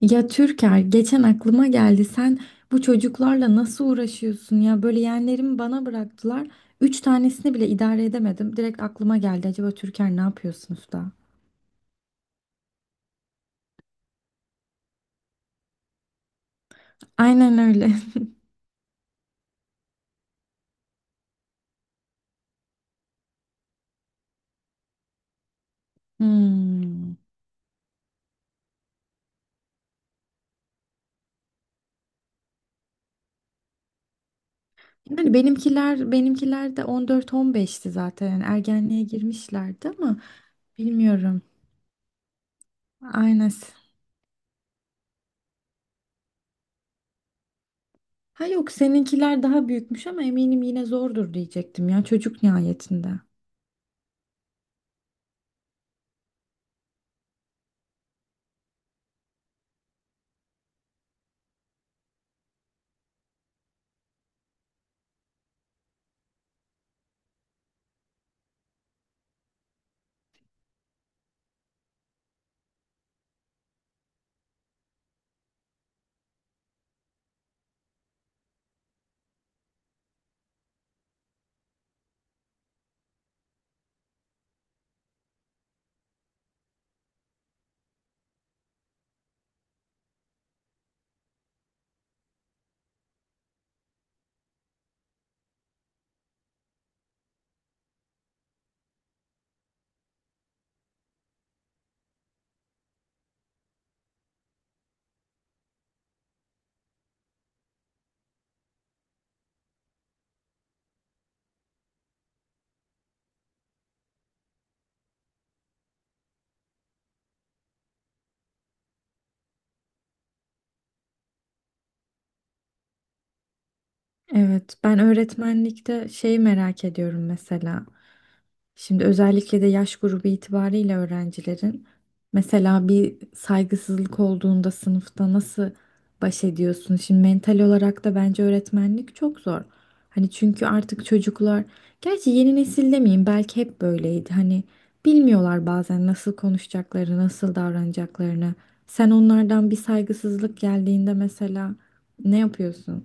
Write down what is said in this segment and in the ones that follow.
Ya Türker geçen aklıma geldi sen bu çocuklarla nasıl uğraşıyorsun ya böyle yeğenlerimi bana bıraktılar. Üç tanesini bile idare edemedim. Direkt aklıma geldi acaba Türker ne yapıyorsunuz da? Aynen öyle. Hmm. Yani benimkiler de 14-15'ti zaten yani ergenliğe girmişlerdi ama bilmiyorum. Aynen. Ha yok seninkiler daha büyükmüş ama eminim yine zordur diyecektim ya çocuk nihayetinde. Evet, ben öğretmenlikte şeyi merak ediyorum mesela. Şimdi özellikle de yaş grubu itibariyle öğrencilerin mesela bir saygısızlık olduğunda sınıfta nasıl baş ediyorsun? Şimdi mental olarak da bence öğretmenlik çok zor. Hani çünkü artık çocuklar, gerçi yeni nesil demeyeyim belki hep böyleydi. Hani bilmiyorlar bazen nasıl konuşacaklarını, nasıl davranacaklarını. Sen onlardan bir saygısızlık geldiğinde mesela ne yapıyorsun?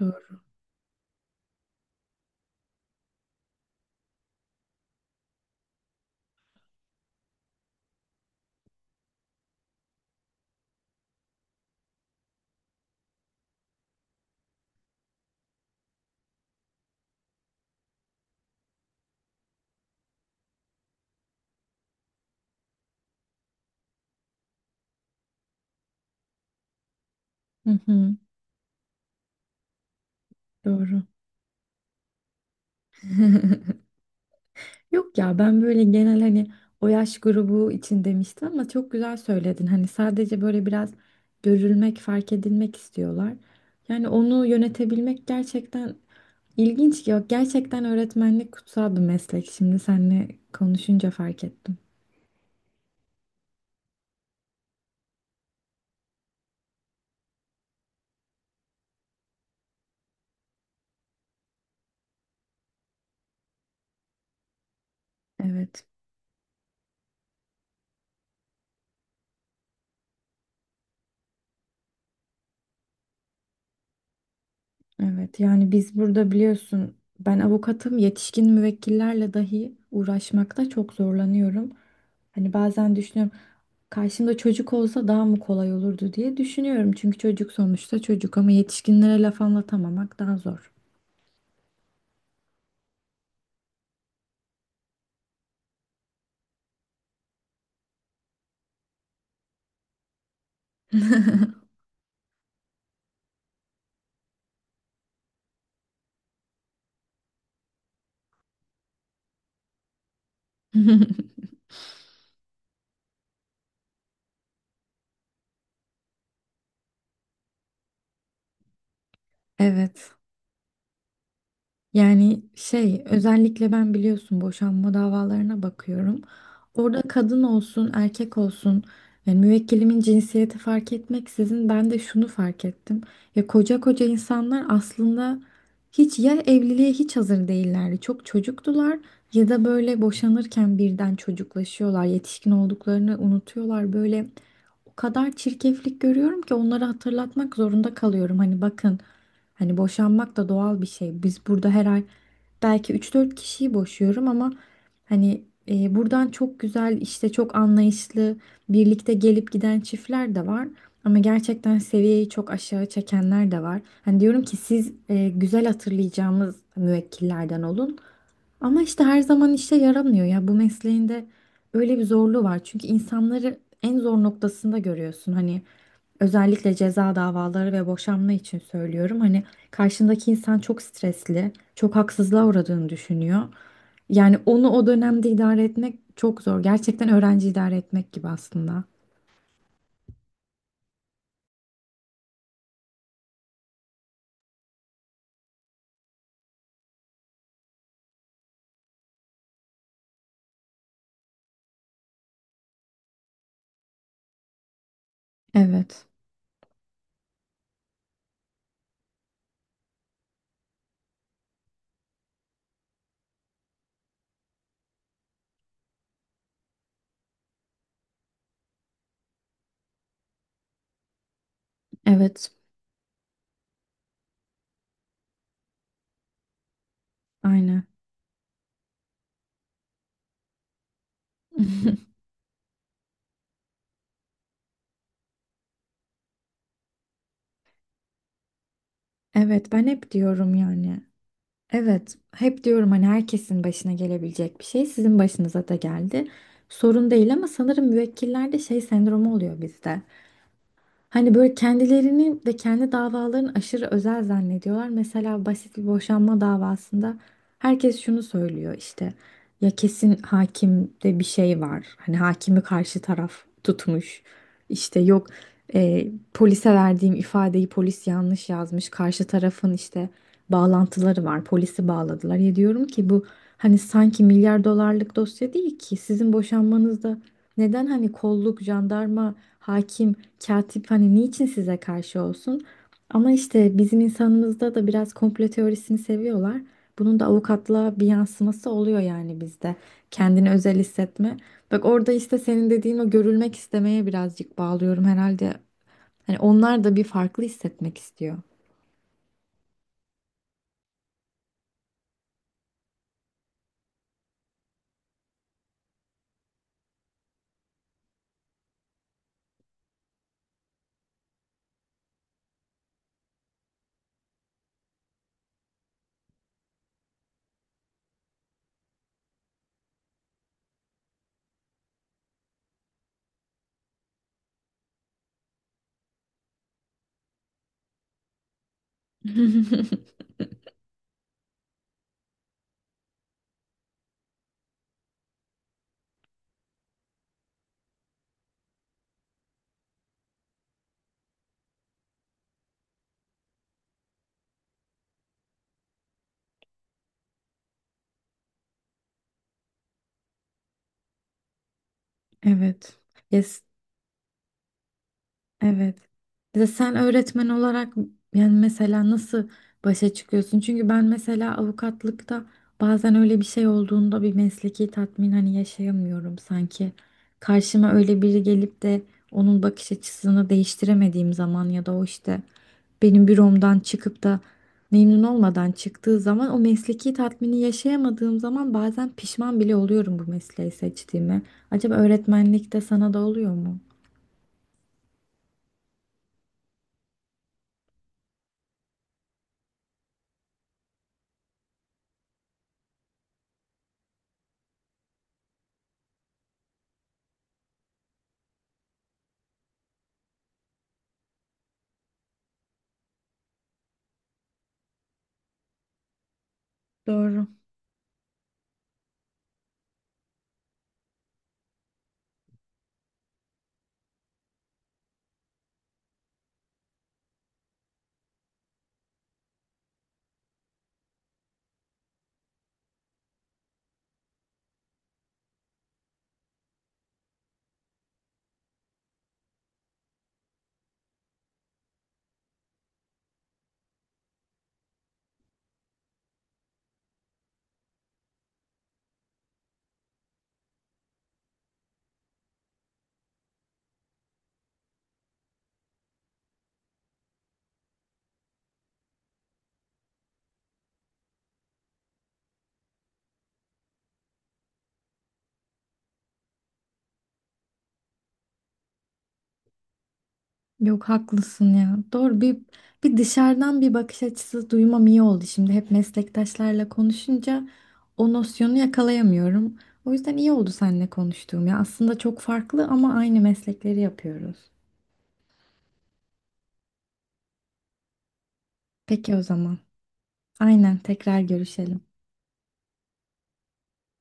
Doğru. Hı hı. Doğru. Yok ya ben böyle genel hani o yaş grubu için demiştim ama çok güzel söyledin. Hani sadece böyle biraz görülmek, fark edilmek istiyorlar. Yani onu yönetebilmek gerçekten ilginç. Yok gerçekten öğretmenlik kutsal bir meslek. Şimdi seninle konuşunca fark ettim. Evet. Evet yani biz burada biliyorsun ben avukatım yetişkin müvekkillerle dahi uğraşmakta çok zorlanıyorum. Hani bazen düşünüyorum karşımda çocuk olsa daha mı kolay olurdu diye düşünüyorum. Çünkü çocuk sonuçta çocuk ama yetişkinlere laf anlatamamak daha zor. Evet. Yani şey özellikle ben biliyorsun boşanma davalarına bakıyorum. Orada kadın olsun erkek olsun yani müvekkilimin cinsiyeti fark etmeksizin ben de şunu fark ettim. Ya koca koca insanlar aslında hiç ya evliliğe hiç hazır değillerdi. Çok çocuktular ya da böyle boşanırken birden çocuklaşıyorlar. Yetişkin olduklarını unutuyorlar. Böyle o kadar çirkeflik görüyorum ki onları hatırlatmak zorunda kalıyorum. Hani bakın, hani boşanmak da doğal bir şey. Biz burada her ay belki üç dört kişiyi boşuyorum ama hani buradan çok güzel işte çok anlayışlı birlikte gelip giden çiftler de var. Ama gerçekten seviyeyi çok aşağı çekenler de var. Hani diyorum ki siz güzel hatırlayacağımız müvekkillerden olun. Ama işte her zaman işe yaramıyor ya. Bu mesleğin de öyle bir zorluğu var. Çünkü insanları en zor noktasında görüyorsun. Hani özellikle ceza davaları ve boşanma için söylüyorum. Hani karşındaki insan çok stresli, çok haksızlığa uğradığını düşünüyor. Yani onu o dönemde idare etmek çok zor. Gerçekten öğrenci idare etmek gibi aslında. Evet, evet, aynen. Evet, ben hep diyorum yani. Evet, hep diyorum hani herkesin başına gelebilecek bir şey sizin başınıza da geldi. Sorun değil ama sanırım müvekkillerde şey sendromu oluyor bizde. Hani böyle kendilerini ve kendi davalarını aşırı özel zannediyorlar. Mesela basit bir boşanma davasında herkes şunu söylüyor işte ya kesin hakimde bir şey var. Hani hakimi karşı taraf tutmuş. İşte yok, e, polise verdiğim ifadeyi polis yanlış yazmış. Karşı tarafın işte bağlantıları var. Polisi bağladılar. Ya diyorum ki bu hani sanki milyar dolarlık dosya değil ki sizin boşanmanızda neden hani kolluk, jandarma, hakim, katip hani niçin size karşı olsun? Ama işte bizim insanımızda da biraz komplo teorisini seviyorlar. Bunun da avukatlığa bir yansıması oluyor yani bizde. Kendini özel hissetme. Bak orada işte senin dediğin o görülmek istemeye birazcık bağlıyorum herhalde. Hani onlar da bir farklı hissetmek istiyor. Evet. Yes. Evet. Ya de sen öğretmen olarak yani mesela nasıl başa çıkıyorsun? Çünkü ben mesela avukatlıkta bazen öyle bir şey olduğunda bir mesleki tatmin hani yaşayamıyorum sanki. Karşıma öyle biri gelip de onun bakış açısını değiştiremediğim zaman ya da o işte benim büromdan çıkıp da memnun olmadan çıktığı zaman o mesleki tatmini yaşayamadığım zaman bazen pişman bile oluyorum bu mesleği seçtiğime. Acaba öğretmenlikte sana da oluyor mu? Doğru. Yok haklısın ya. Doğru, bir dışarıdan bir bakış açısı duymam iyi oldu. Şimdi hep meslektaşlarla konuşunca o nosyonu yakalayamıyorum. O yüzden iyi oldu seninle konuştuğum ya. Aslında çok farklı ama aynı meslekleri yapıyoruz. Peki o zaman. Aynen tekrar görüşelim.